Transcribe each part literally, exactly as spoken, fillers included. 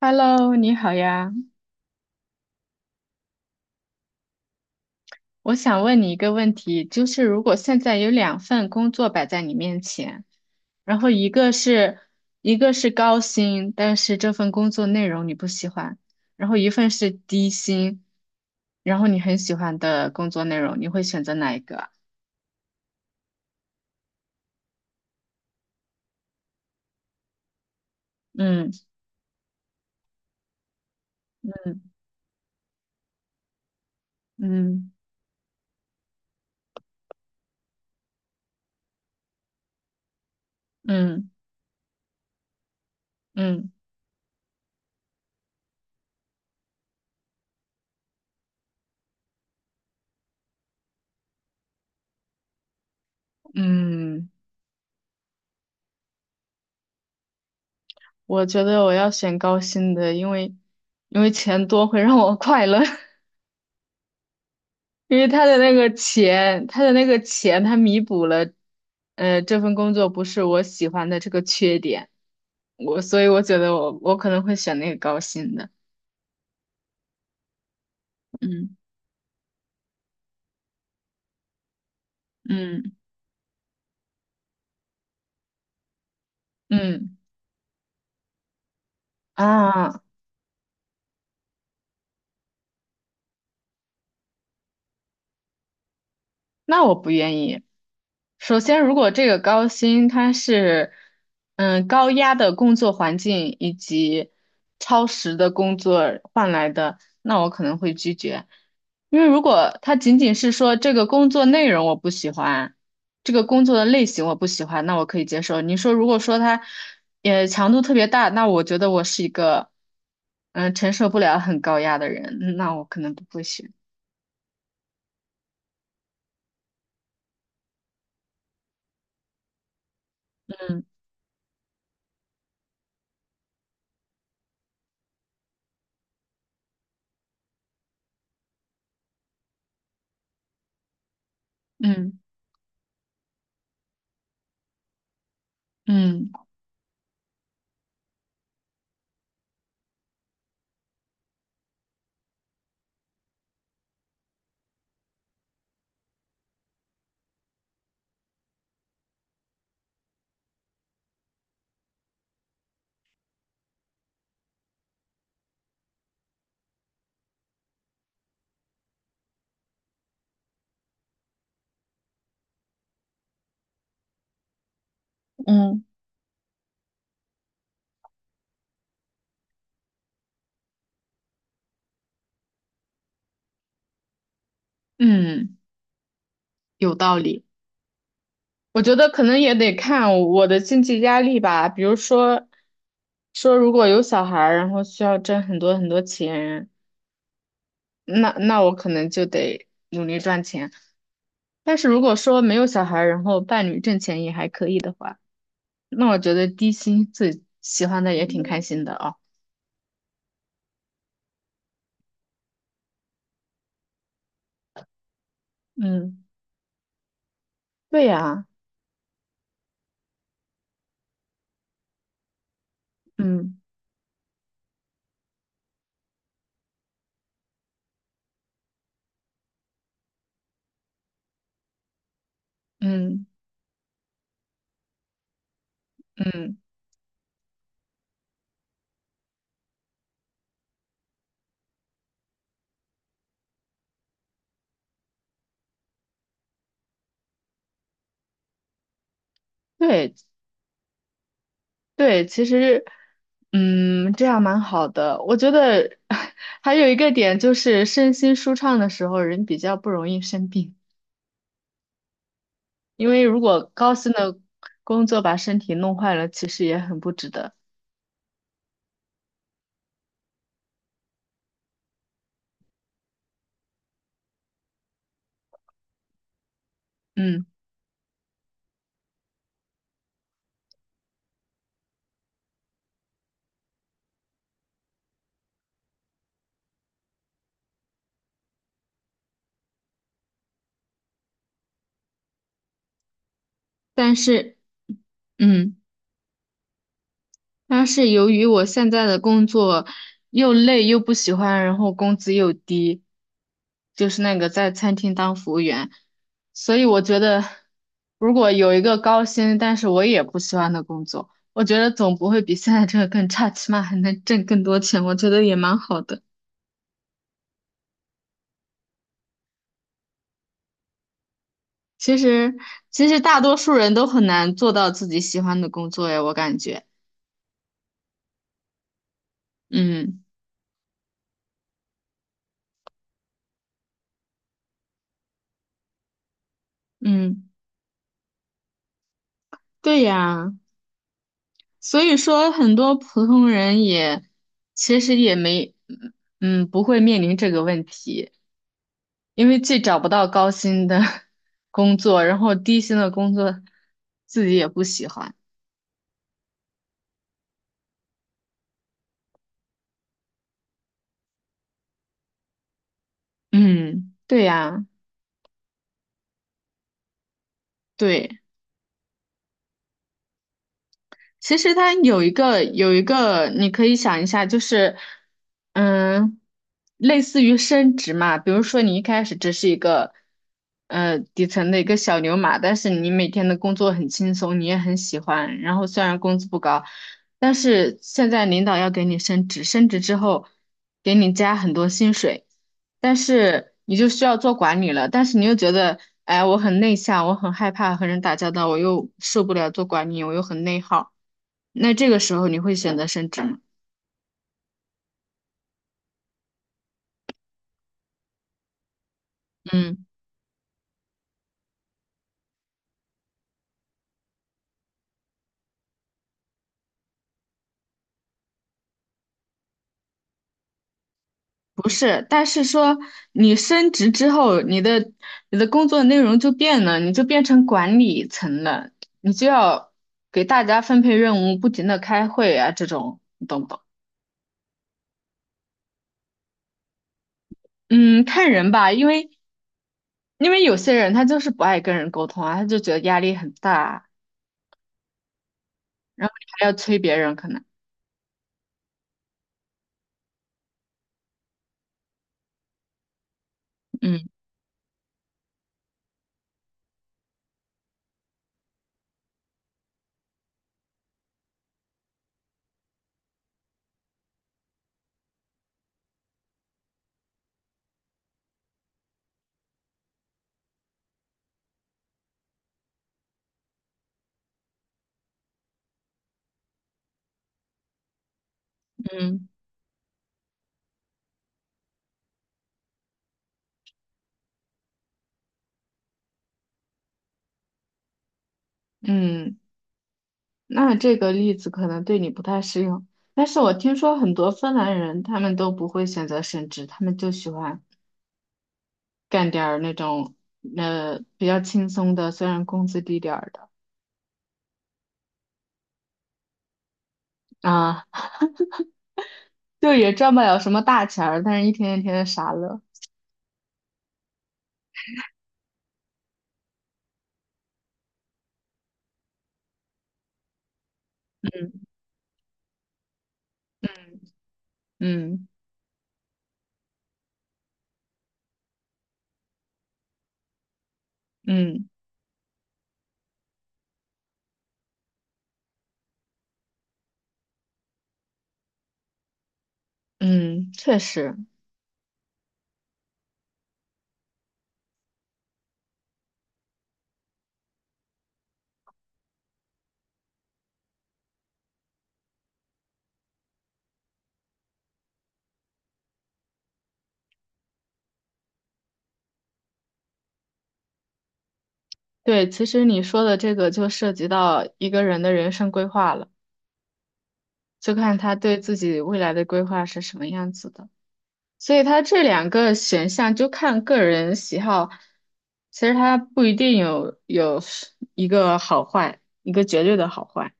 Hello，你好呀。我想问你一个问题，就是如果现在有两份工作摆在你面前，然后一个是一个是高薪，但是这份工作内容你不喜欢，然后一份是低薪，然后你很喜欢的工作内容，你会选择哪一个啊？嗯。嗯。嗯。嗯。嗯，嗯我觉得我要选高薪的，因为因为钱多会让我快乐。因为他的那个钱，他的那个钱，他弥补了，呃，这份工作不是我喜欢的这个缺点，我，所以我觉得我我可能会选那个高薪的。嗯。嗯。嗯。啊，那我不愿意。首先，如果这个高薪它是，嗯，高压的工作环境以及超时的工作换来的，那我可能会拒绝。因为如果他仅仅是说这个工作内容我不喜欢，这个工作的类型我不喜欢，那我可以接受。你说如果说他，也强度特别大，那我觉得我是一个，嗯、承受不了很高压的人，嗯那我可能不会选。嗯。嗯。嗯。嗯。嗯，有道理。我觉得可能也得看我的经济压力吧，比如说，说如果有小孩儿然后需要挣很多很多钱，那那我可能就得努力赚钱。但是如果说没有小孩儿然后伴侣挣钱也还可以的话，那我觉得低薪自己喜欢的也挺开心的啊。嗯，对呀。嗯。嗯。嗯，对对，其实嗯这样蛮好的。我觉得 还有一个点就是身心舒畅的时候，人比较不容易生病，因为如果高薪的工作把身体弄坏了，其实也很不值得。嗯，但是嗯。但是由于我现在的工作又累又不喜欢，然后工资又低，就是那个在餐厅当服务员，所以我觉得如果有一个高薪，但是我也不喜欢的工作，我觉得总不会比现在这个更差，起码还能挣更多钱，我觉得也蛮好的。其实，其实大多数人都很难做到自己喜欢的工作呀，我感觉。嗯。嗯，对呀。所以说，很多普通人也其实也没，嗯，不会面临这个问题，因为既找不到高薪的 工作，然后低薪的工作自己也不喜欢。嗯，对呀，对。其实它有一个有一个，你可以想一下，就是嗯，类似于升职嘛，比如说你一开始只是一个呃底层的一个小牛马，但是你每天的工作很轻松，你也很喜欢，然后虽然工资不高，但是现在领导要给你升职，升职之后给你加很多薪水。但是你就需要做管理了，但是你又觉得，哎，我很内向，我很害怕和人打交道，我又受不了做管理，我又很内耗，那这个时候你会选择升职吗？嗯，不是，但是说你升职之后，你的你的工作内容就变了，你就变成管理层了，你就要给大家分配任务，不停的开会啊，这种你懂不懂？嗯，看人吧，因为因为有些人他就是不爱跟人沟通啊，他就觉得压力很大啊，然后你还要催别人，可能，嗯。嗯。嗯。那这个例子可能对你不太适用，但是我听说很多芬兰人他们都不会选择升职，他们就喜欢干点儿那种呃比较轻松的，虽然工资低点儿的啊，就也赚不了什么大钱儿，但是一天一天的傻乐。嗯。嗯。嗯，确实，对，其实你说的这个就涉及到一个人的人生规划了，就看他对自己未来的规划是什么样子的。所以它这两个选项就看个人喜好，其实它不一定有有一个好坏，一个绝对的好坏。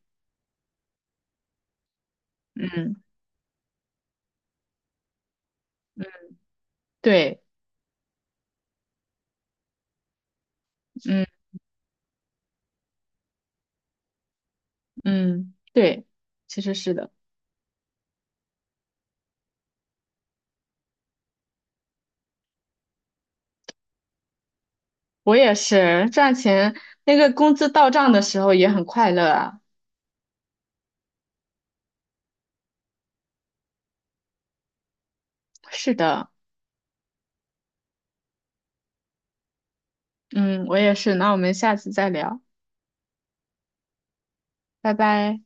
嗯，对。嗯。嗯，对，其实是的，我也是赚钱，那个工资到账的时候也很快乐啊。是的。嗯，我也是。那我们下次再聊，拜拜。